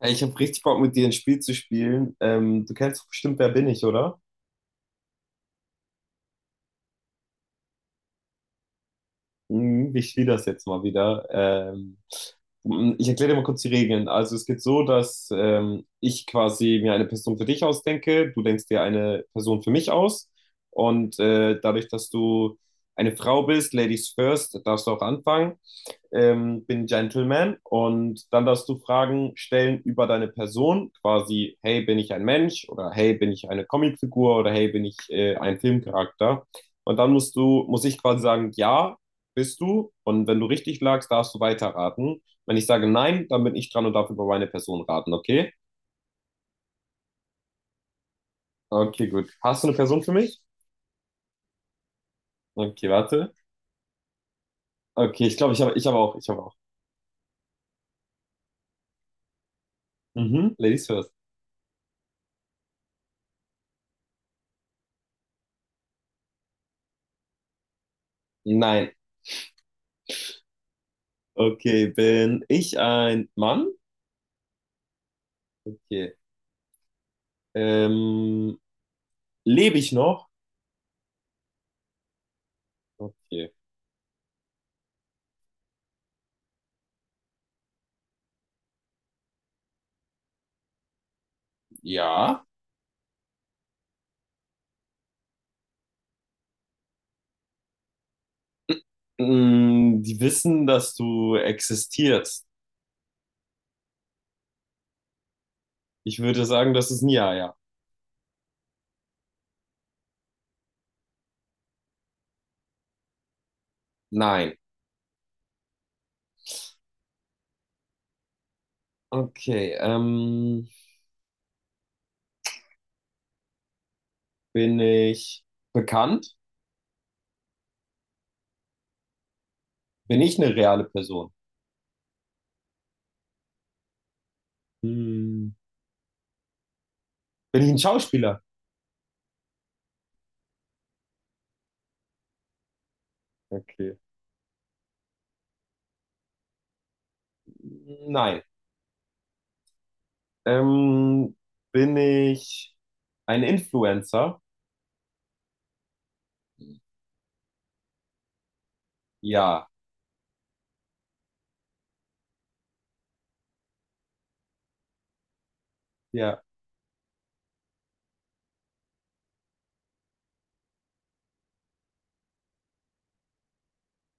Ey, ich habe richtig Bock, mit dir ein Spiel zu spielen. Du kennst doch bestimmt Wer bin ich, oder? Hm, ich spiele das jetzt mal wieder. Ich erkläre dir mal kurz die Regeln. Also es geht so, dass ich quasi mir eine Person für dich ausdenke, du denkst dir eine Person für mich aus. Und dadurch, dass du eine Frau bist, Ladies first, darfst du auch anfangen. Ähm, bin Gentleman und dann darfst du Fragen stellen über deine Person, quasi, hey, bin ich ein Mensch oder hey, bin ich eine Comicfigur oder hey, bin ich ein Filmcharakter? Und dann muss ich quasi sagen, ja, bist du. Und wenn du richtig lagst, darfst du weiterraten. Wenn ich sage nein, dann bin ich dran und darf über meine Person raten, okay? Okay, gut. Hast du eine Person für mich? Okay, warte. Okay, ich glaube, ich habe auch. Mhm, Ladies first. Nein. Okay, bin ich ein Mann? Okay. Ähm, lebe ich noch? Okay. Ja. Mm, die wissen, dass du existierst. Ich würde sagen, das ist ein Ja, ja. Nein. Okay. Bin ich bekannt? Bin ich eine reale Person? Hm. Bin ich ein Schauspieler? Okay. Nein. Ähm, Bin ich ein Influencer? Ja. Ja.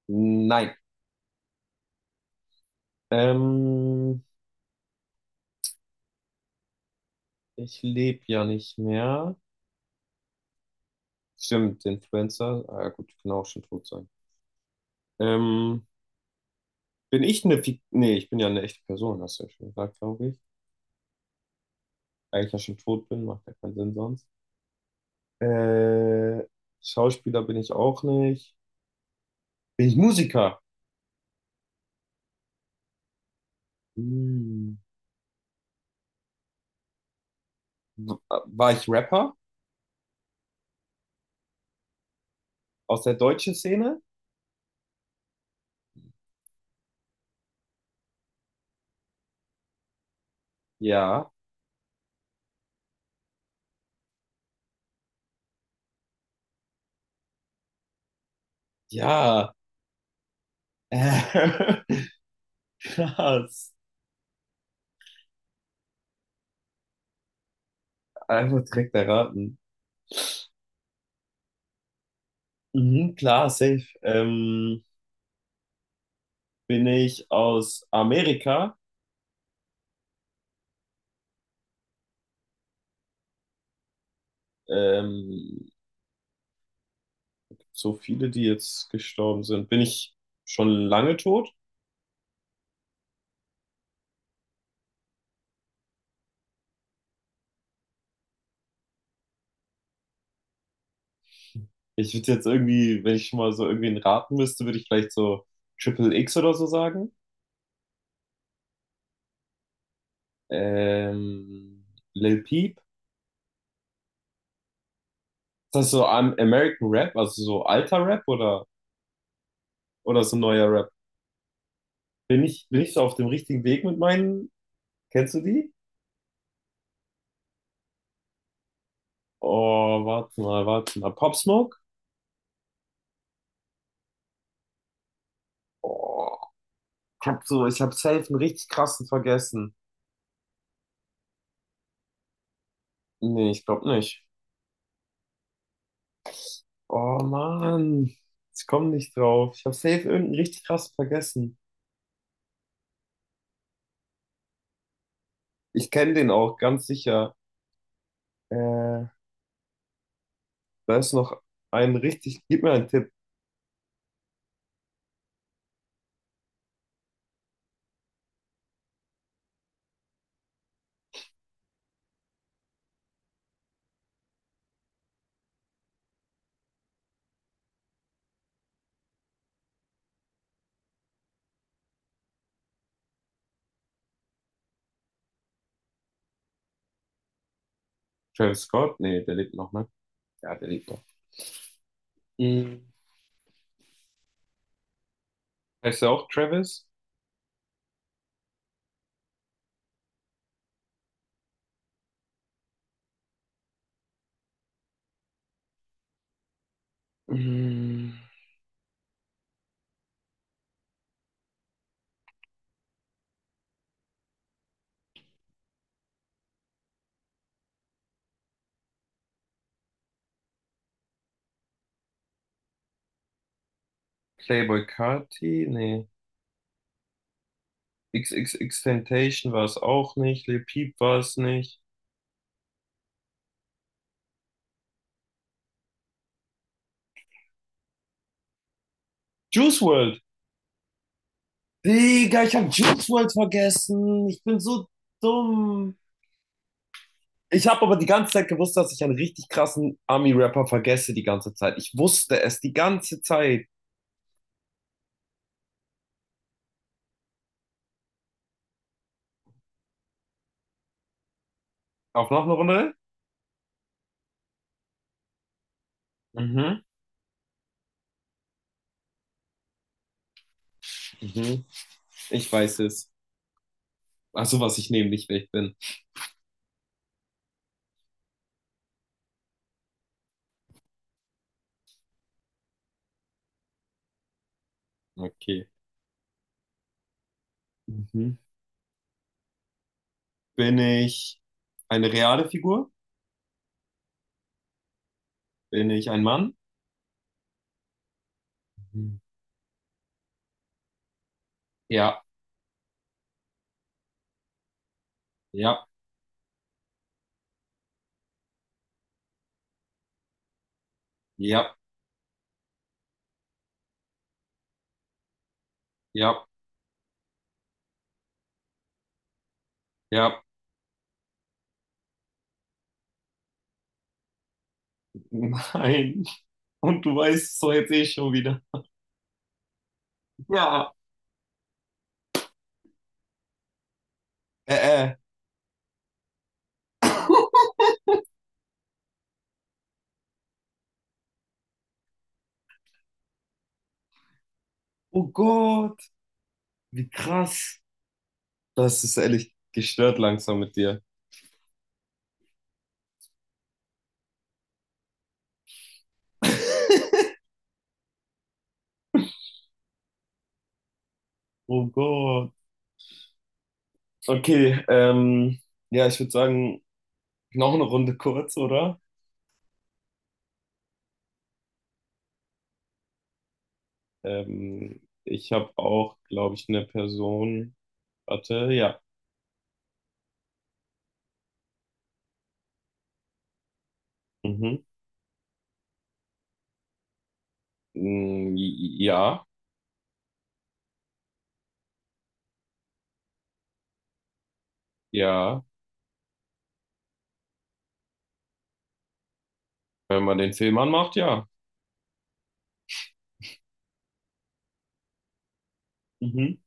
Nein. Ähm, ich lebe ja nicht mehr. Stimmt, Influencer. Ah, ja, gut, kann auch schon tot sein. Ähm, bin ich eine Fik Nee, ich bin ja eine echte Person, hast du ja schon gesagt, glaube ich. Da ich ja schon tot bin, macht ja keinen Sinn sonst. Äh, Schauspieler bin ich auch nicht. Bin ich Musiker? Hm. War ich Rapper aus der deutschen Szene? Ja. Ja. Äh, krass. Einfach direkt erraten. Mhm, klar, safe. Bin ich aus Amerika? Ähm, so viele, die jetzt gestorben sind. Bin ich schon lange tot? Ich würde jetzt irgendwie, wenn ich schon mal so irgendwen raten müsste, würde ich vielleicht so Triple X oder so sagen. Ähm, Lil Peep. Ist das so American Rap, also so alter Rap oder so neuer Rap? Bin ich so auf dem richtigen Weg mit meinen? Kennst du die? Oh, warte mal. Pop Smoke? Oh, ich hab safe einen richtig krassen vergessen. Nee, ich glaube nicht. Oh Mann, ich komme nicht drauf. Ich habe safe irgendeinen richtig krass vergessen. Ich kenne den auch, ganz sicher. Äh, da ist noch ein richtig. Gib mir einen Tipp. Travis Scott? Nee, der lebt noch, ne? Ja, der lebt noch. Mhm. Heißt er auch Travis? Mhm. Playboi Carti? Nee. XXXTentacion war es auch nicht. Lil Peep war es nicht. Juice WRLD! Digga, ich habe Juice World vergessen. Ich bin so dumm. Ich habe aber die ganze Zeit gewusst, dass ich einen richtig krassen Ami-Rapper vergesse die ganze Zeit. Ich wusste es die ganze Zeit. Auf noch eine Runde? Mhm. Mhm. Ich weiß es. Ach so, was ich nehme, nicht wer ich bin. Okay. Mhm. Bin ich eine reale Figur? Bin ich ein Mann? Mhm. Ja, ja, ja, ja, ja. Nein. Und du weißt es doch jetzt eh schon wieder. Ja. Äh, äh. Oh Gott, wie krass. Das ist ehrlich gestört langsam mit dir. Oh Gott. Okay, ja, ich würde sagen, noch eine Runde kurz, oder? Ich habe auch, glaube ich, eine Person. Warte, ja. Mhm. Mm, ja, ja. Wenn man den Film anmacht, ja. Mhm.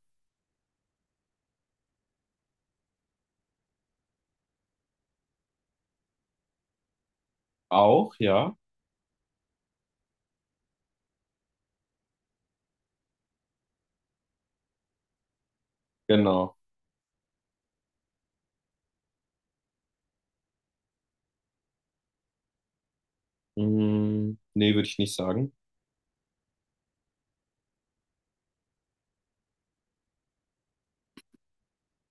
Auch, ja. Genau. Mm, nee, würde ich nicht sagen.